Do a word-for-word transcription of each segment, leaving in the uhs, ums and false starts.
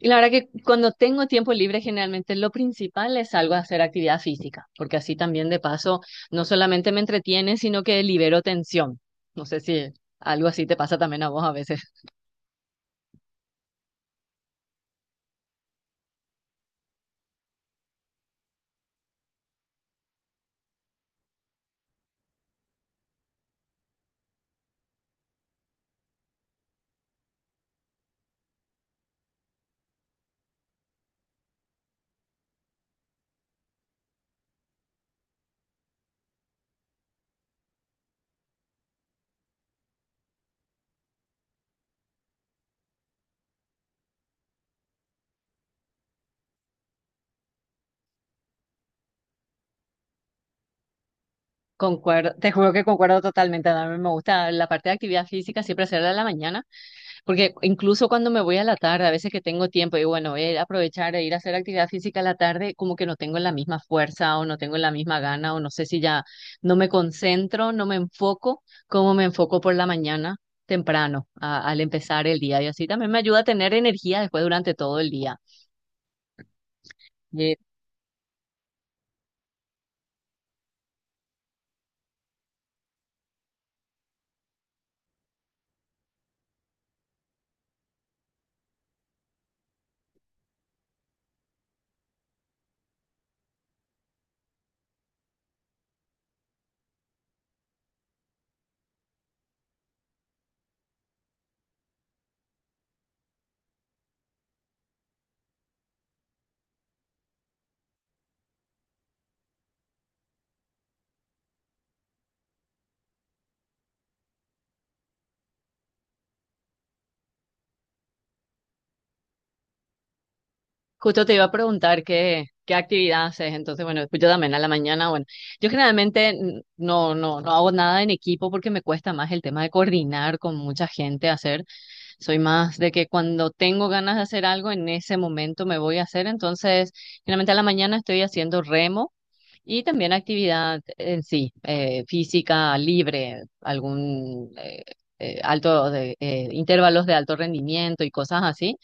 Y la verdad que cuando tengo tiempo libre, generalmente lo principal es algo a hacer actividad física, porque así también de paso no solamente me entretiene, sino que libero tensión. No sé si algo así te pasa también a vos a veces. Concuerdo, te juro que concuerdo totalmente. A mí me gusta la parte de actividad física siempre hacerla a la mañana, porque incluso cuando me voy a la tarde, a veces que tengo tiempo, y bueno, voy a ir a aprovechar e ir a hacer actividad física a la tarde, como que no tengo la misma fuerza o no tengo la misma gana o no sé si ya no me concentro, no me enfoco como me enfoco por la mañana temprano a- al empezar el día. Y así también me ayuda a tener energía después durante todo el día. Y justo te iba a preguntar qué, qué actividad haces. Entonces, bueno, yo también a la mañana, bueno, yo generalmente n- no, no, no hago nada en equipo porque me cuesta más el tema de coordinar con mucha gente, hacer. Soy más de que cuando tengo ganas de hacer algo, en ese momento me voy a hacer. Entonces, generalmente a la mañana estoy haciendo remo y también actividad en sí, eh, física libre, algún eh, eh, alto de, eh, intervalos de alto rendimiento y cosas así.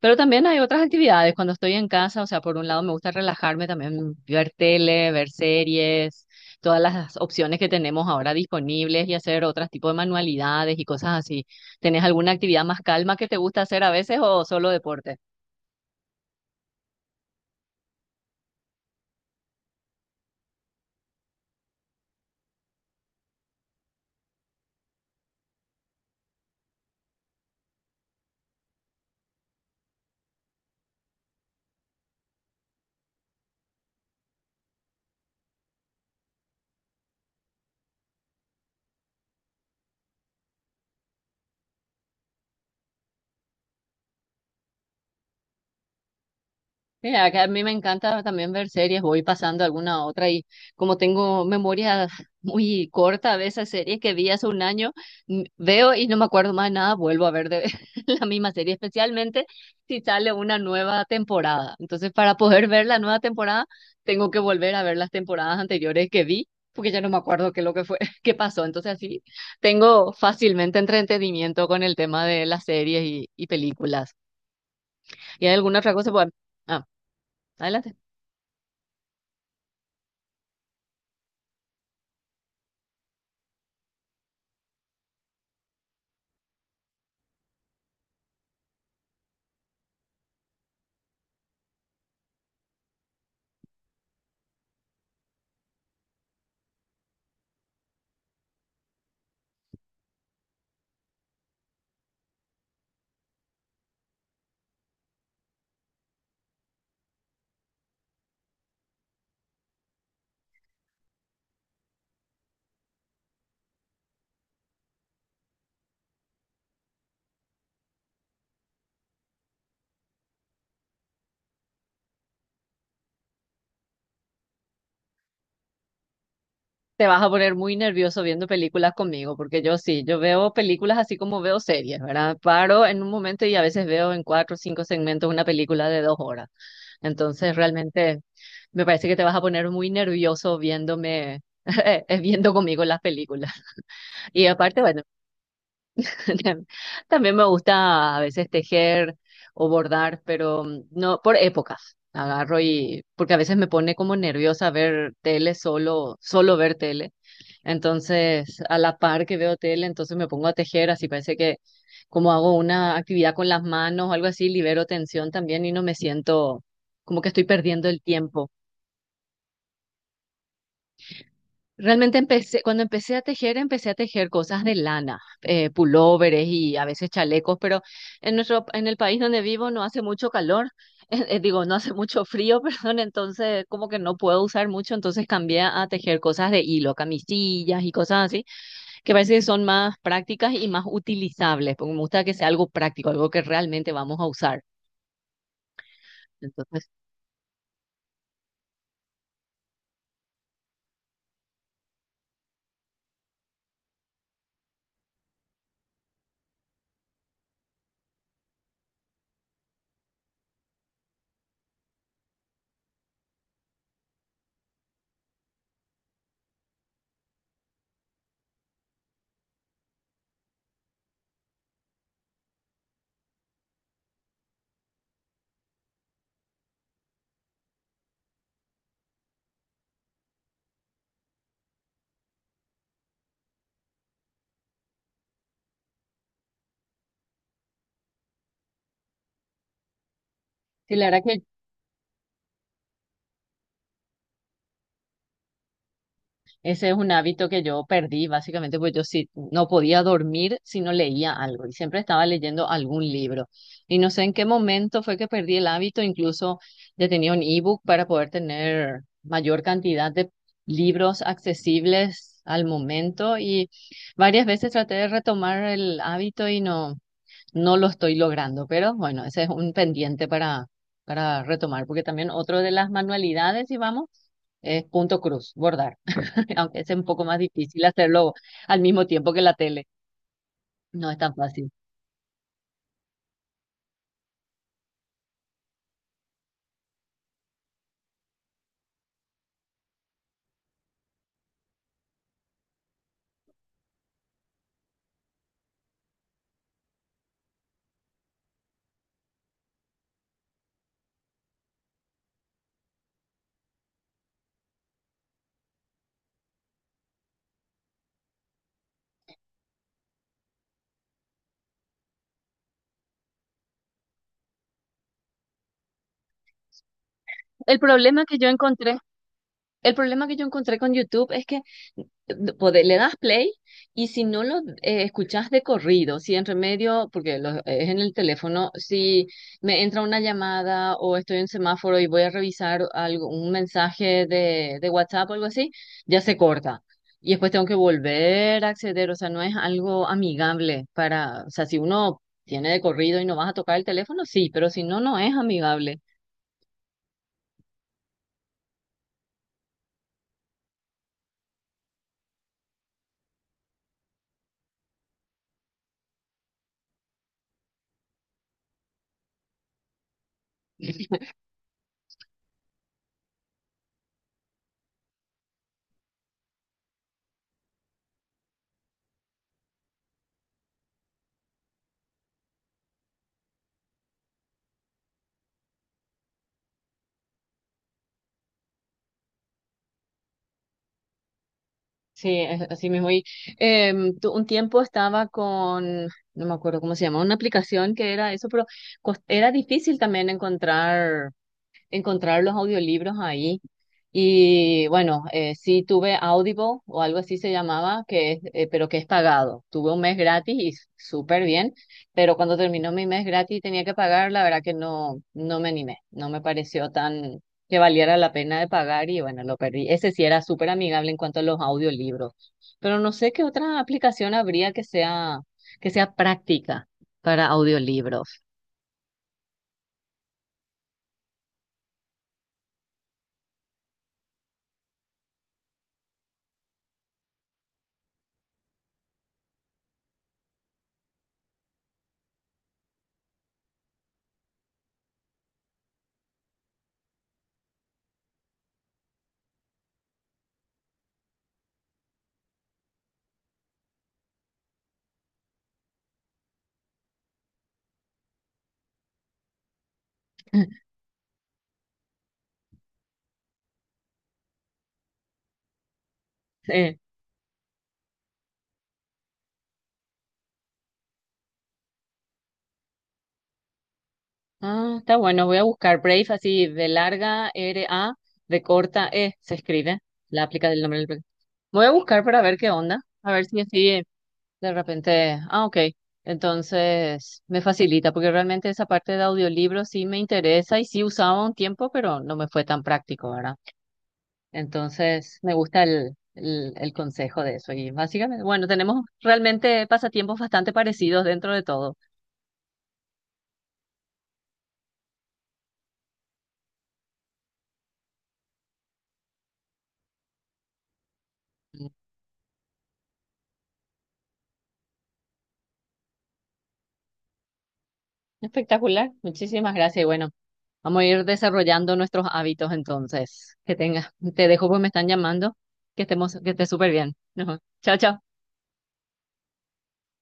Pero también hay otras actividades cuando estoy en casa, o sea, por un lado me gusta relajarme, también ver tele, ver series, todas las opciones que tenemos ahora disponibles y hacer otros tipos de manualidades y cosas así. ¿Tenés alguna actividad más calma que te gusta hacer a veces o solo deporte? Mira, que a mí me encanta también ver series, voy pasando alguna a otra y como tengo memoria muy corta de esas series que vi hace un año, m- veo y no me acuerdo más de nada, vuelvo a ver de la misma serie, especialmente si sale una nueva temporada. Entonces, para poder ver la nueva temporada, tengo que volver a ver las temporadas anteriores que vi, porque ya no me acuerdo qué es lo que fue, qué pasó. Entonces, así tengo fácilmente entretenimiento con el tema de las series y, y películas. ¿Y hay alguna otra cosa? Bueno, ah, adelante. Te vas a poner muy nervioso viendo películas conmigo, porque yo sí, yo veo películas así como veo series, ¿verdad? Paro en un momento y a veces veo en cuatro o cinco segmentos una película de dos horas. Entonces, realmente me parece que te vas a poner muy nervioso viéndome, eh, viendo conmigo las películas. Y aparte, bueno, también me gusta a veces tejer o bordar, pero mm, no por épocas. Agarro y porque a veces me pone como nerviosa ver tele solo, solo ver tele. Entonces, a la par que veo tele, entonces me pongo a tejer, así parece que como hago una actividad con las manos o algo así, libero tensión también y no me siento como que estoy perdiendo el tiempo. Realmente empecé, cuando empecé a tejer, empecé a tejer cosas de lana, eh, pulóveres y a veces chalecos, pero en nuestro, en el país donde vivo no hace mucho calor, eh, eh, digo, no hace mucho frío, perdón, entonces como que no puedo usar mucho, entonces cambié a tejer cosas de hilo, camisillas y cosas así, que parece que son más prácticas y más utilizables, porque me gusta que sea algo práctico, algo que realmente vamos a usar. Entonces, sí, la verdad que ese es un hábito que yo perdí, básicamente, porque yo sí no podía dormir si no leía algo y siempre estaba leyendo algún libro. Y no sé en qué momento fue que perdí el hábito, incluso ya tenía un ebook para poder tener mayor cantidad de libros accesibles al momento y varias veces traté de retomar el hábito y no, no lo estoy logrando, pero bueno, ese es un pendiente para, para retomar, porque también otro de las manualidades, si vamos, es punto cruz, bordar. Aunque es un poco más difícil hacerlo al mismo tiempo que la tele. No es tan fácil. El problema que yo encontré El problema que yo encontré con YouTube es que pode- le das play y si no lo eh, escuchas de corrido, si en remedio, porque lo- es en el teléfono, si me entra una llamada o estoy en semáforo y voy a revisar algo, un mensaje de, de WhatsApp o algo así, ya se corta. Y después tengo que volver a acceder, o sea, no es algo amigable para, o sea, si uno tiene de corrido y no vas a tocar el teléfono, sí, pero si no, no es amigable. Sí, es así mismo. Y em, tu- un tiempo estaba con, no me acuerdo cómo se llama, una aplicación que era eso, pero cos- era difícil también encontrar encontrar los audiolibros ahí. Y bueno, eh, sí tuve Audible o algo así se llamaba, que es, eh, pero que es pagado. Tuve un mes gratis y s- súper bien, pero cuando terminó mi mes gratis y tenía que pagar, la verdad que no, no me animé, no me pareció tan que valiera la pena de pagar y bueno, lo perdí. Ese sí era súper amigable en cuanto a los audiolibros, pero no sé qué otra aplicación habría que sea, que sea práctica para audiolibros. Ah, está bueno, voy a buscar Brave, así de larga R A, de corta E, se escribe, la aplica del nombre del proyecto. Voy a buscar para ver qué onda, a ver si así de repente. Ah, ok, entonces me facilita, porque realmente esa parte de audiolibro sí me interesa y sí usaba un tiempo, pero no me fue tan práctico, ¿verdad? Entonces me gusta el, el, el consejo de eso y básicamente, bueno, tenemos realmente pasatiempos bastante parecidos dentro de todo. Mm. Espectacular, muchísimas gracias y bueno. Vamos a ir desarrollando nuestros hábitos entonces. Que tengas, te dejo porque me están llamando. Que estemos, que estés súper bien. Ajá. Chao, chao.